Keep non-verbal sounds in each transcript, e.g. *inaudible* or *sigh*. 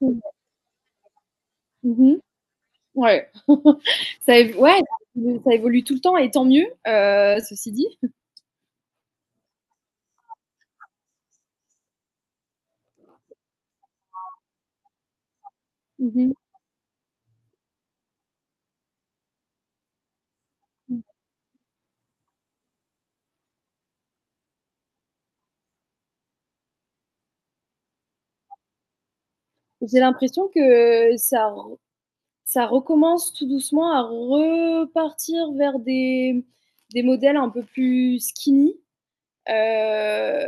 Mmh mh. Ouais. *laughs* Ça év ouais, ça évolue tout le temps et tant mieux, ceci dit. Mmh. J'ai l'impression que ça recommence tout doucement à repartir vers des modèles un peu plus skinny,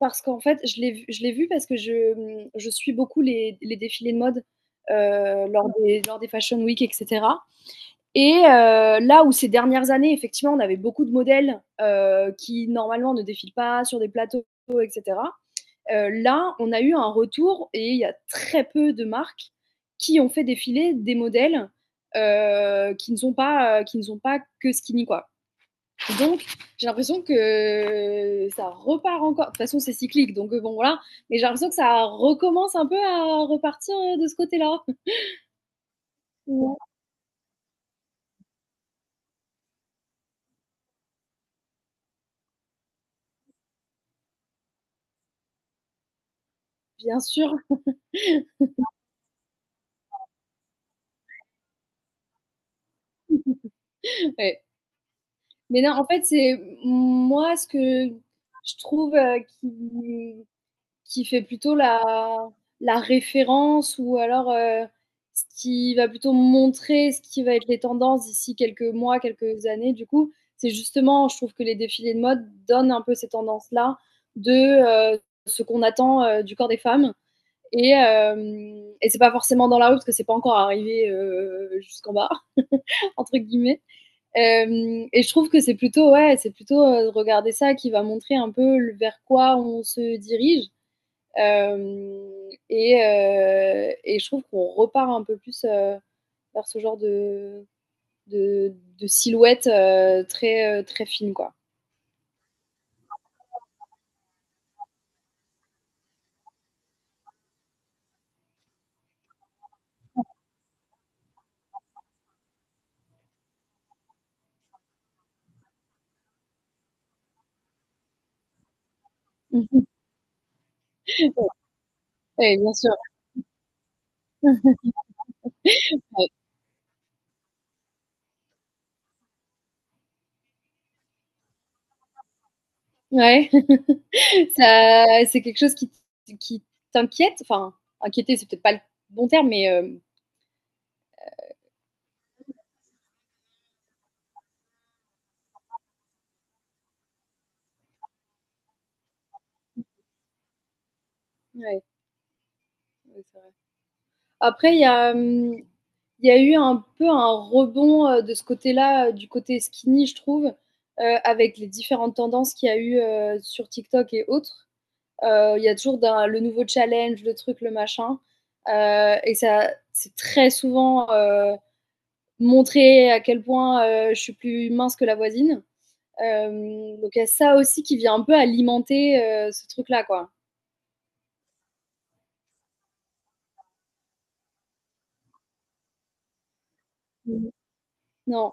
parce qu'en fait, je l'ai vu parce que je suis beaucoup les défilés de mode, lors des Fashion Week et cetera. Et là où ces dernières années, effectivement, on avait beaucoup de modèles, qui normalement ne défilent pas sur des plateaux et cetera, là, on a eu un retour et il y a très peu de marques qui ont fait défiler des modèles, qui ne sont pas que skinny, quoi. Donc j'ai l'impression que ça repart encore. De toute façon, c'est cyclique, donc bon, voilà, mais j'ai l'impression que ça recommence un peu à repartir, de ce côté-là. Ouais, bien sûr. Ouais. Mais non, en fait, c'est moi. Ce que je trouve qui fait plutôt la référence, ou alors ce qui va plutôt montrer ce qui va être les tendances d'ici quelques mois, quelques années. Du coup, c'est justement, je trouve que les défilés de mode donnent un peu ces tendances-là de euh, ce qu'on attend du corps des femmes. Et, euh, et c'est pas forcément dans la rue parce que c'est pas encore arrivé jusqu'en bas, *laughs* entre guillemets. Et je trouve que c'est plutôt, ouais, c'est plutôt regarder ça qui va montrer un peu vers quoi on se dirige. Et je trouve qu'on repart un peu plus vers ce genre de, de silhouette très, très fine, quoi. Mm-hmm. Et bien sûr, ouais. *laughs* Ça, c'est quelque chose qui t'inquiète. Enfin, inquiéter, c'est peut-être pas le bon terme, mais ouais. Après, il y a eu un peu un rebond de ce côté-là, du côté skinny, je trouve, avec les différentes tendances qu'il y a eu sur TikTok et autres. Il y a toujours le nouveau challenge, le truc, le machin. Et ça, c'est très souvent montré à quel point je suis plus mince que la voisine. Donc il y a ça aussi qui vient un peu alimenter ce truc-là, quoi. Mhm. Non,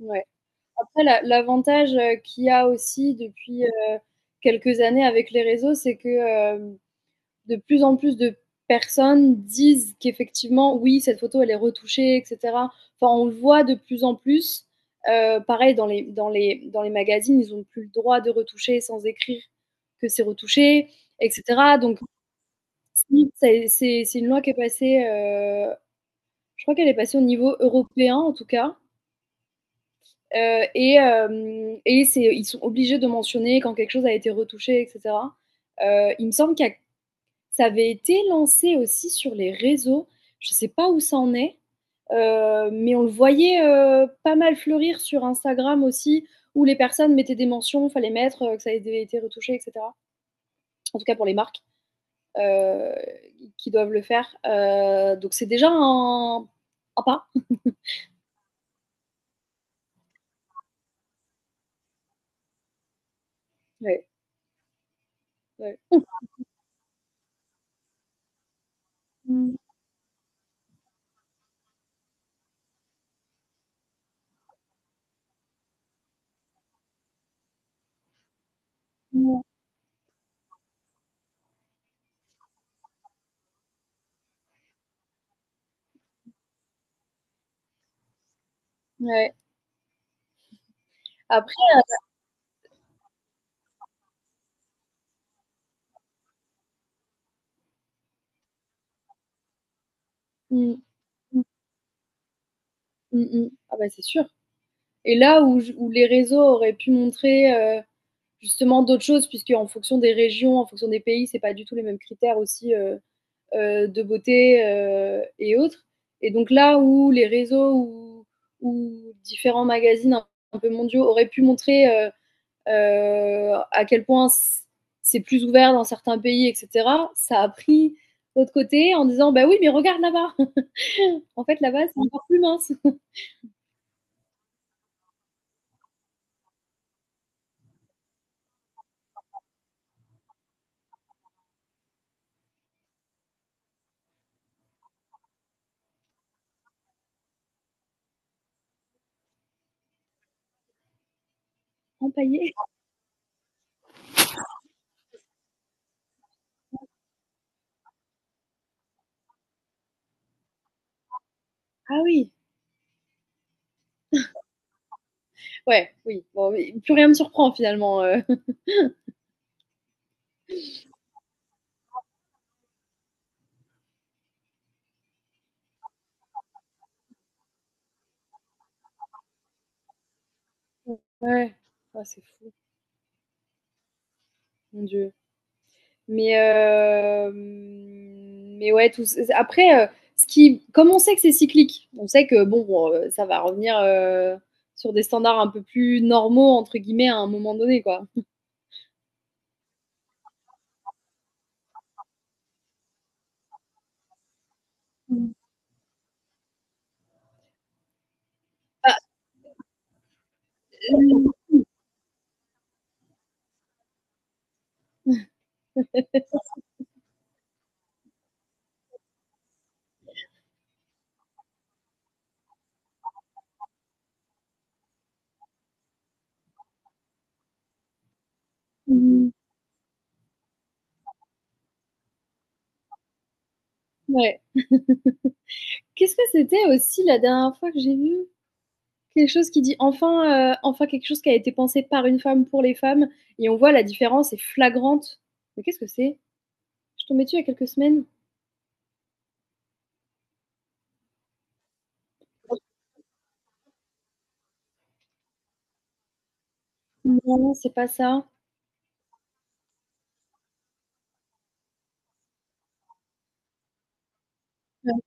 ouais. Après, l'avantage qu'il y a aussi depuis quelques années avec les réseaux, c'est que de plus en plus de personnes disent qu'effectivement, oui, cette photo, elle est retouchée, etc. Enfin, on le voit de plus en plus. Pareil, dans les magazines, ils n'ont plus le droit de retoucher sans écrire que c'est retouché, etc. Donc, si, c'est une loi qui est passée, je crois qu'elle est passée au niveau européen en tout cas. Ils sont obligés de mentionner quand quelque chose a été retouché, etc. Il me semble que ça avait été lancé aussi sur les réseaux. Je ne sais pas où ça en est, mais on le voyait pas mal fleurir sur Instagram aussi, où les personnes mettaient des mentions, il fallait mettre que ça avait été retouché, etc. En tout cas pour les marques euh, qui doivent le faire. Donc c'est déjà un pas. Ouais, ouais. Ouais. Après, mm, mm. Mmh mh. Ah bah, c'est sûr. Et là où j où les réseaux auraient pu montrer, justement d'autres choses, puisque en fonction des régions, en fonction des pays, c'est pas du tout les mêmes critères aussi, de beauté, et autres. Et donc là où les réseaux ou différents magazines un peu mondiaux auraient pu montrer, à quel point c'est plus ouvert dans certains pays et cetera, ça a pris l'autre côté en disant: «Bah oui, mais regarde là-bas, *laughs* en fait là-bas, c'est encore plus mince, *laughs* empaillé». Ah oui! Ouais, oui. Bon, mais plus rien me surprend finalement. Ouais. Ah, c'est fou, mon Dieu. Mais ouais, tout, après, ce qui, comme on sait que c'est cyclique, on sait que bon, ça va revenir sur des standards un peu plus normaux, entre guillemets, à un moment donné, quoi. Mhm. Ah, euh, ouais. Qu'est-ce que c'était aussi la dernière fois que j'ai vu quelque chose qui dit enfin, quelque chose qui a été pensé par une femme pour les femmes, et on voit la différence est flagrante. Mais qu'est-ce que c'est? Je tombais dessus il y a quelques semaines. Non, c'est pas ça. Ouais,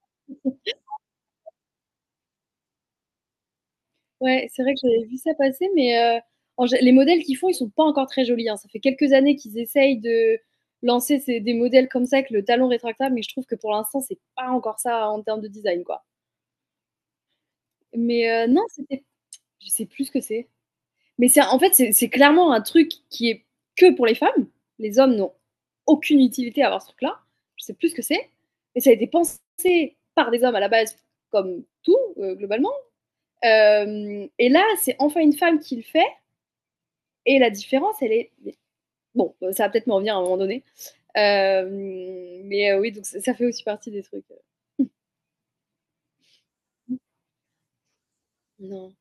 ouais, c'est vrai que j'avais vu ça passer, mais les modèles qu'ils font, ils sont pas encore très jolis, hein. Ça fait quelques années qu'ils essayent de lancer des modèles comme ça avec le talon rétractable, mais je trouve que pour l'instant, c'est pas encore ça en termes de design, quoi. Mais non, c'était, je sais plus ce que c'est. Mais c'est, en fait, c'est clairement un truc qui est que pour les femmes. Les hommes n'ont aucune utilité à avoir ce truc-là. Je sais plus ce que c'est. Mais ça a été pensé par des hommes à la base, comme tout, globalement. Et là, c'est enfin une femme qui le fait. Et la différence, elle est. Bon, ça va peut-être m'en revenir à un moment donné. Euh, mais oui, donc ça fait aussi partie des trucs. Non.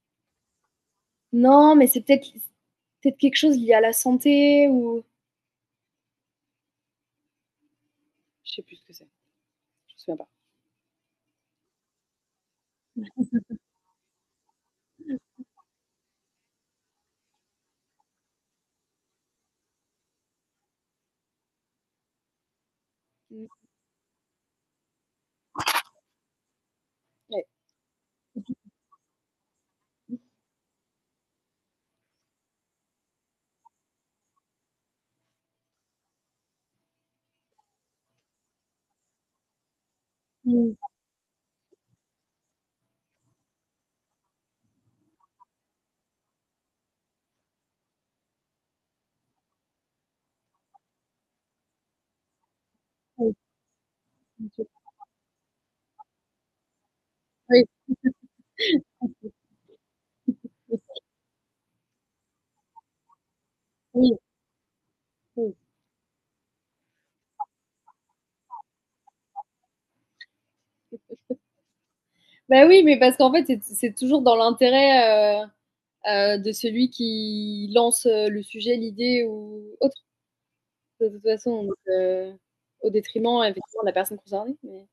Non, mais c'est peut-être peut être quelque chose lié à la santé ou. Je ne sais plus ce que c'est. Je ne me souviens pas. Mm. Oui, oui, oui, oui. Bah oui, mais parce qu'en fait, c'est toujours dans l'intérêt de celui qui lance le sujet, l'idée ou autre, de toute façon. Donc, au détriment effectivement de la personne concernée,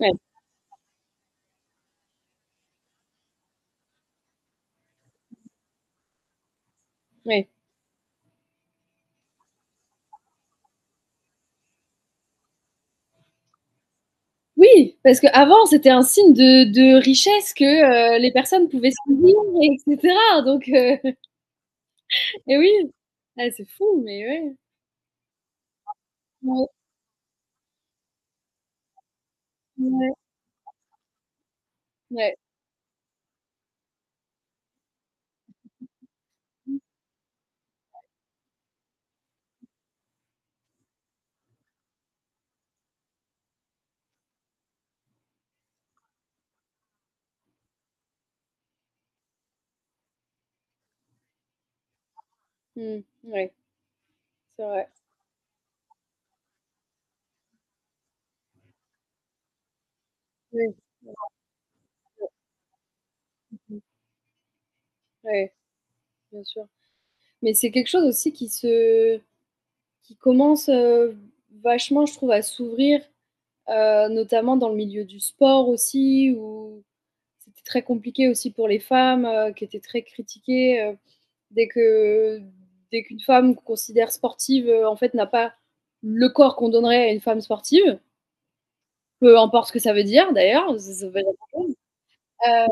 Ouais, ouais. Oui, parce qu'avant, c'était un signe de richesse, que les personnes pouvaient se dire, etc. Donc, et oui, ah, c'est fou, mais ouais. Ouais, ouais, ouais. Mm, ouais, c'est vrai. Ouais, ouais, ouais, bien sûr. Mais c'est quelque chose aussi qui se, qui commence vachement, je trouve, à s'ouvrir, notamment dans le milieu du sport aussi, où c'était très compliqué aussi pour les femmes qui étaient très critiquées, dès que dès qu'une femme qu'on considère sportive en fait n'a pas le corps qu'on donnerait à une femme sportive, peu importe ce que ça veut dire d'ailleurs. Euh,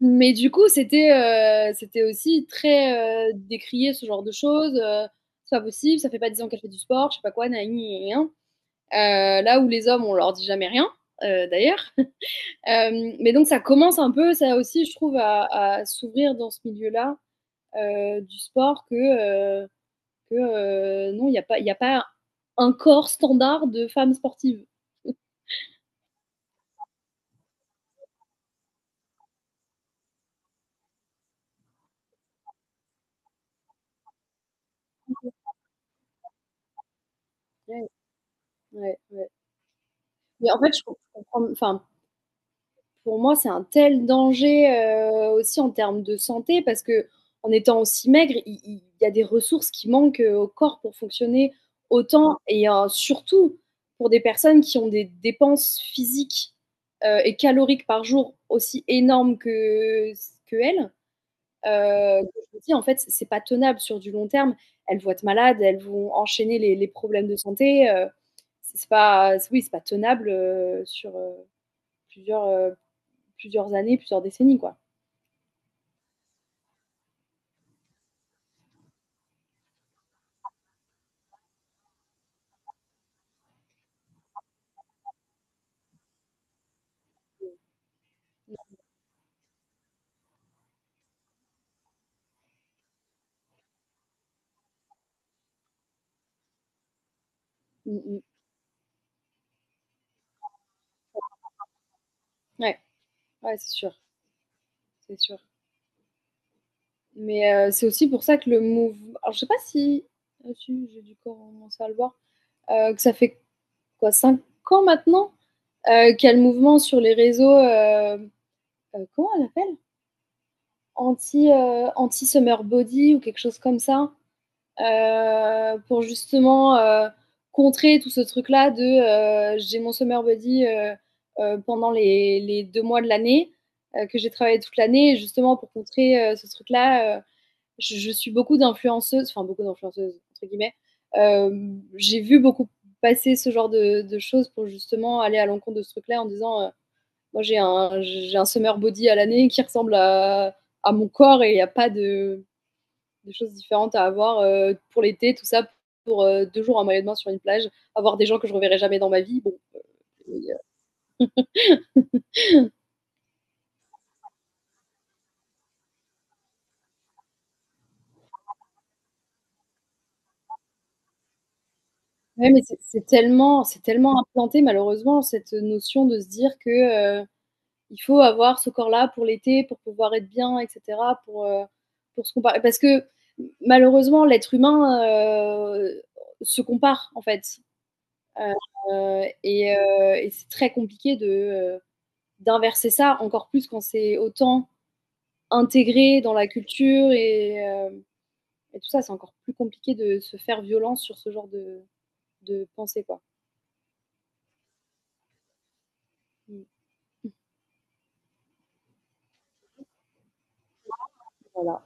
mais du coup, c'était aussi très décrié ce genre de choses, c'est pas possible, ça fait pas 10 ans qu'elle fait du sport, je sais pas quoi, naï, rien. Là où les hommes, on leur dit jamais rien, d'ailleurs. Mais donc ça commence un peu, ça aussi, je trouve, à s'ouvrir dans ce milieu-là du sport, que non, il y a pas un corps standard de femme sportive. Ouais, ouais, ouais. Mais en fait, je comprends, enfin, pour moi, c'est un tel danger aussi en termes de santé, parce que en étant aussi maigre, il y a des ressources qui manquent au corps pour fonctionner autant, et surtout pour des personnes qui ont des dépenses physiques et caloriques par jour aussi énormes que elles. Je me dis, en fait, c'est pas tenable sur du long terme. Elles vont être malades, elles vont enchaîner les problèmes de santé, c'est pas, oui, c'est pas tenable sur plusieurs, euh, plusieurs années, plusieurs décennies, quoi. Mm, mm, mm. Ouais, ouais, c'est sûr, c'est sûr. Mais c'est aussi pour ça que le mouvement. Alors, je sais pas si. Ah, si, j'ai dû commencer à le voir. Que ça fait quoi, 5 ans maintenant qu'il y a le mouvement sur les réseaux, comment on l'appelle, anti, anti summer body ou quelque chose comme ça, pour justement, contrer tout ce truc-là de, j'ai mon summer body, pendant les 2 mois de l'année, que j'ai travaillé toute l'année justement pour contrer, ce truc-là, je suis beaucoup d'influenceuses, enfin beaucoup d'influenceuses entre guillemets, j'ai vu beaucoup passer ce genre de choses pour justement aller à l'encontre de ce truc-là, en disant, moi, j'ai un summer body à l'année qui ressemble à mon corps, et il n'y a pas de choses différentes à avoir pour l'été, tout ça pour 2 jours en maillot de bain sur une plage, avoir des gens que je ne reverrai jamais dans ma vie. Bon, et, ouais, mais c'est tellement, c'est tellement implanté malheureusement, cette notion de se dire que euh, il faut avoir ce corps-là pour l'été, pour pouvoir être bien, etc. Pour euh, pour se comparer, parce que malheureusement l'être humain se compare en fait. Et c'est très compliqué d'inverser ça, encore plus quand c'est autant intégré dans la culture, et tout ça. C'est encore plus compliqué de se faire violence sur ce genre de pensée, quoi. Mm. Voilà.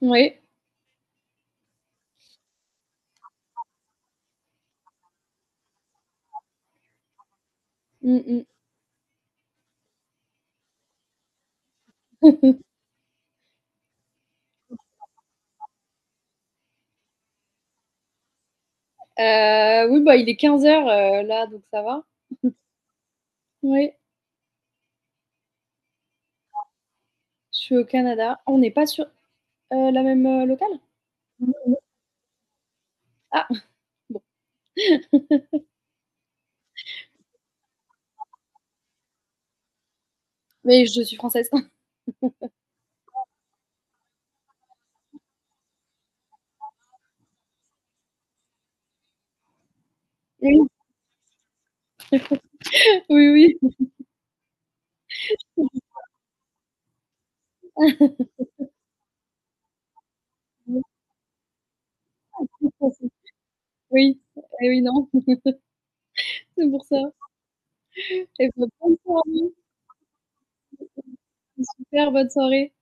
Oui. Mm, mm. Oui, bah, il est 15h là, donc ça va. Oui, je suis au Canada. On n'est pas sur la même locale. Ah, bon. Mais je suis française. *laughs* Oui, oui. Oui, oui. Eh oui non. *laughs* C'est pour ça. Et bah, bonne soirée, super bonne soirée.